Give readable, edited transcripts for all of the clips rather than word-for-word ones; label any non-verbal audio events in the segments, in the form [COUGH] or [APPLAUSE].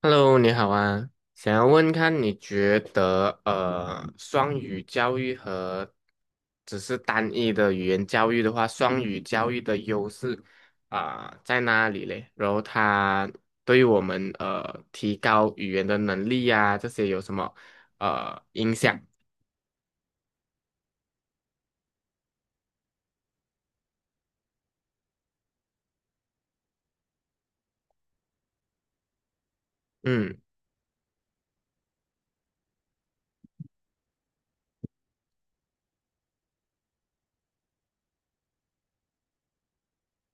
Hello，你好啊，想要问看你觉得双语教育和只是单一的语言教育的话，双语教育的优势啊、在哪里嘞？然后它对于我们提高语言的能力呀、这些有什么影响？嗯，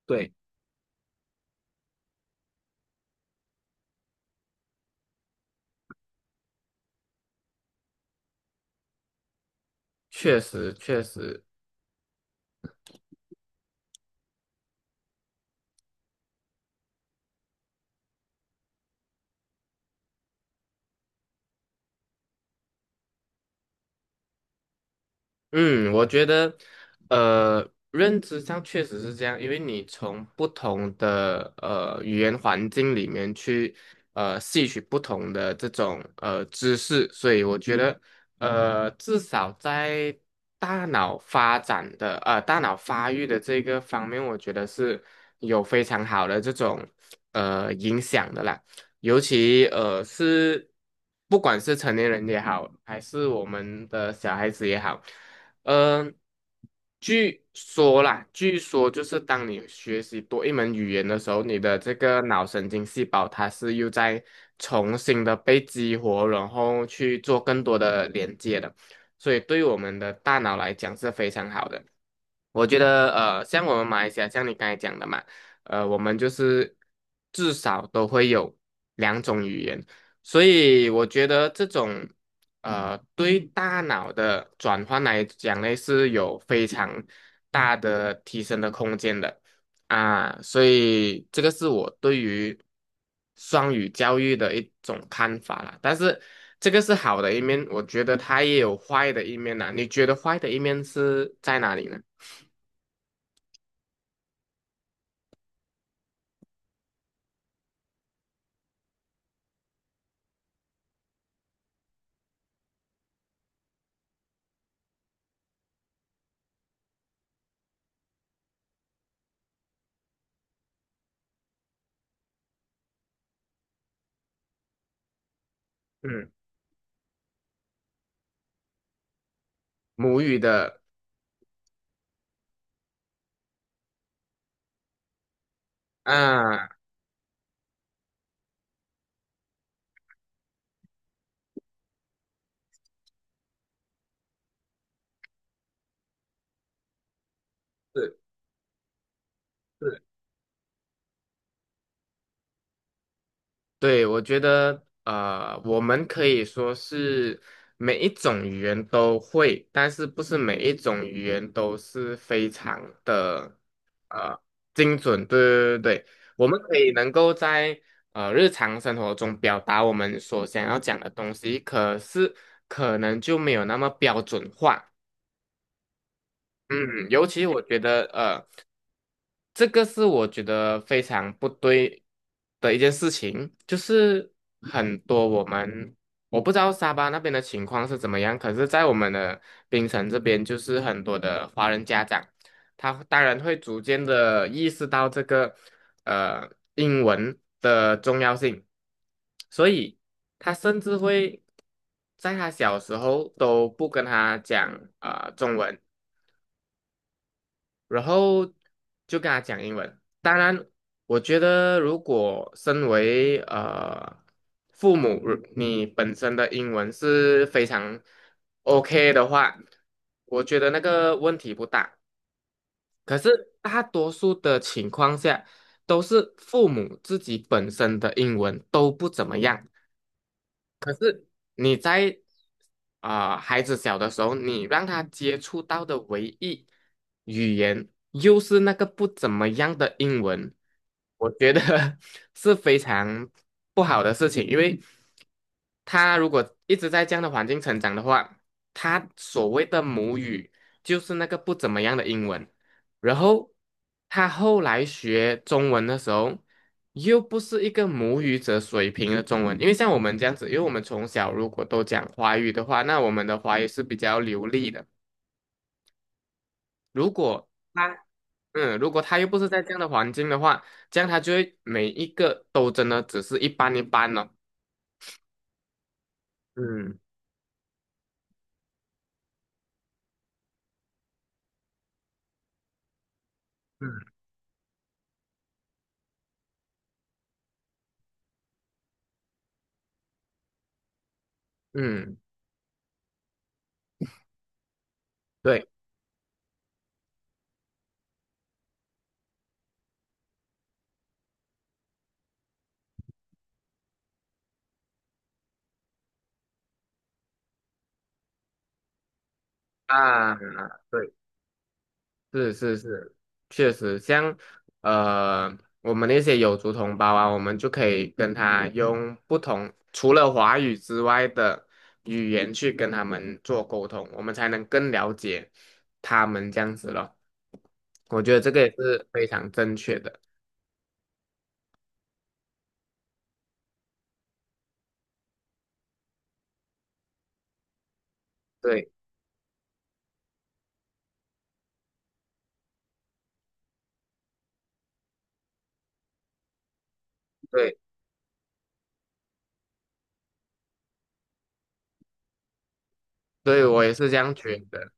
对，确实确实，嗯，我觉得，认知上确实是这样，因为你从不同的语言环境里面去吸取不同的这种知识，所以我觉得，呃，至少在大脑发育的这个方面，我觉得是有非常好的这种影响的啦。尤其是不管是成年人也好，还是我们的小孩子也好，嗯、据说啦，据说就是当你学习多一门语言的时候，你的这个脑神经细胞它是又在重新的被激活，然后去做更多的连接的，所以对我们的大脑来讲是非常好的。我觉得像我们马来西亚，像你刚才讲的嘛。我们就是至少都会有两种语言，所以我觉得这种对大脑的转换来讲呢，是有非常大的提升的空间的啊，所以这个是我对于双语教育的一种看法啦。但是这个是好的一面，我觉得它也有坏的一面呐。你觉得坏的一面是在哪里呢？嗯，母语的，啊，是。对，我觉得我们可以说是每一种语言都会，但是不是每一种语言都是非常的呃精准。对对对对，我们可以能够在日常生活中表达我们所想要讲的东西，可是可能就没有那么标准化。嗯，尤其我觉得，这个是我觉得非常不对的一件事情，就是很多我们我不知道沙巴那边的情况是怎么样，可是，在我们的槟城这边，就是很多的华人家长，他当然会逐渐的意识到这个呃英文的重要性，所以他甚至会在他小时候都不跟他讲中文。然后就跟他讲英文。当然，我觉得如果身为父母，如你本身的英文是非常 OK 的话，我觉得那个问题不大。可是大多数的情况下，都是父母自己本身的英文都不怎么样。你在孩子小的时候，你让他接触到的唯一。语言，又是那个不怎么样的英文，我觉得 [LAUGHS] 是非常不好的事情，因为他如果一直在这样的环境成长的话，他所谓的母语就是那个不怎么样的英文，然后他后来学中文的时候，又不是一个母语者水平的中文，因为像我们这样子，因为我们从小如果都讲华语的话，那我们的华语是比较流利的，如果他嗯，如果他又不是在这样的环境的话，这样他就会每一个都真的只是一般一般了。嗯嗯嗯，对啊，对，是是是，确实，像呃，我们那些有族同胞啊，我们就可以跟他用不同，除了华语之外的语言去跟他们做沟通，我们才能更了解他们这样子咯。我觉得这个也是非常正确的。对对，所以我也是这样觉得。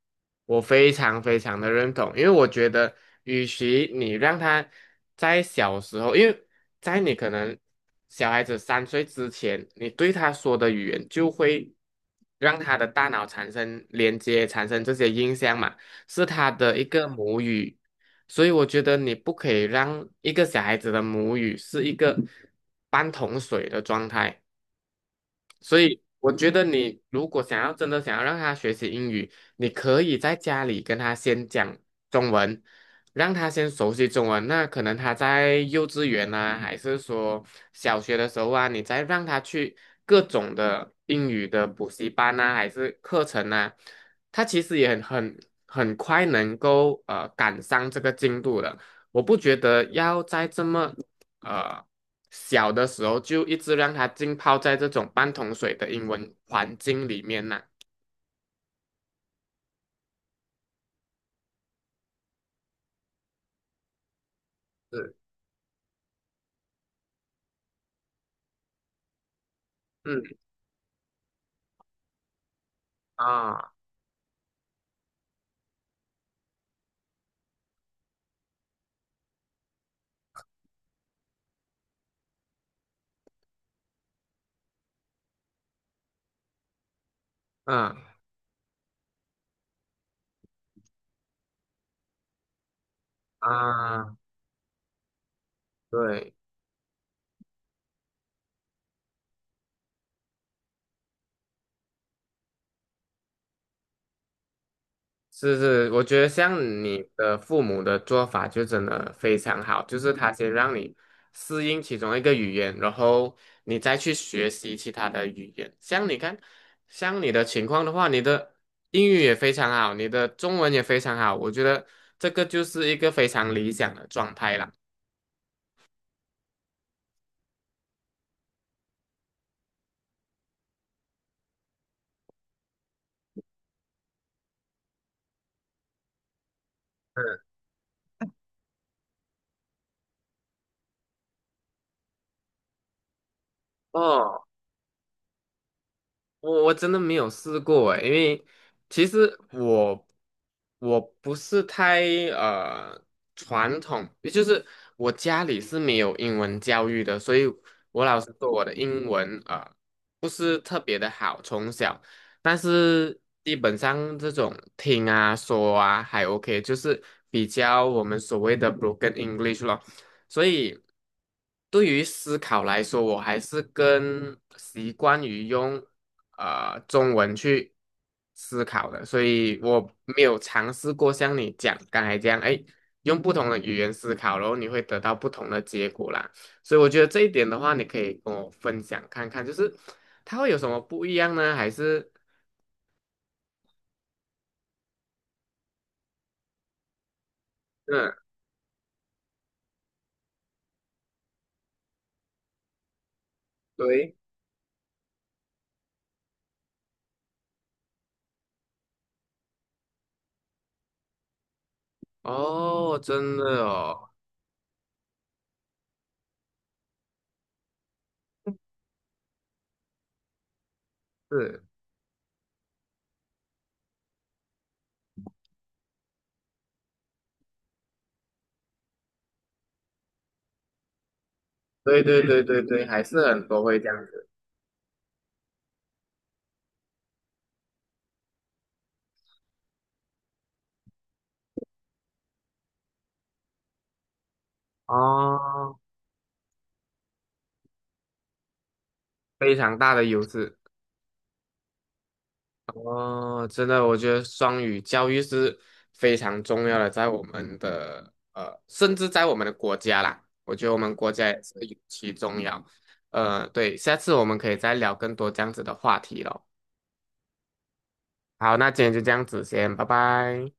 我非常非常的认同，因为我觉得，与其你让他在小时候，因为在你可能小孩子三岁之前，你对他说的语言就会让他的大脑产生连接，产生这些印象嘛，是他的一个母语，所以我觉得你不可以让一个小孩子的母语是一个半桶水的状态。所以我觉得你如果想要让他学习英语，你可以在家里跟他先讲中文，让他先熟悉中文。那可能他在幼稚园啊，还是说小学的时候啊，你再让他去各种的英语的补习班啊，还是课程啊，他其实也很快能够赶上这个进度的。我不觉得要在这么呃小的时候就一直让他浸泡在这种半桶水的英文环境里面呢。是，嗯啊嗯啊，对，是是，我觉得像你的父母的做法就真的非常好，就是他先让你适应其中一个语言，然后你再去学习其他的语言。像你看，像你的情况的话，你的英语也非常好，你的中文也非常好，我觉得这个就是一个非常理想的状态啦。嗯哦，我真的没有试过诶，因为其实我不是太呃传统，也就是我家里是没有英文教育的，所以我老师说我的英文不是特别的好，从小，但是基本上这种听啊说啊还 OK,就是比较我们所谓的 broken English 咯。所以对于思考来说，我还是更习惯于用中文去思考的，所以我没有尝试过像你讲刚才这样，哎，用不同的语言思考，然后你会得到不同的结果啦。所以我觉得这一点的话，你可以跟我分享看看，就是它会有什么不一样呢？还是嗯，对，哦，真的哦，是，对对对对对，还是很多会这样子哦。非常大的优势哦，真的，我觉得双语教育是非常重要的，在我们的呃，甚至在我们的国家啦，我觉得我们国家也是尤其重要。对，下次我们可以再聊更多这样子的话题咯。好，那今天就这样子先，拜拜。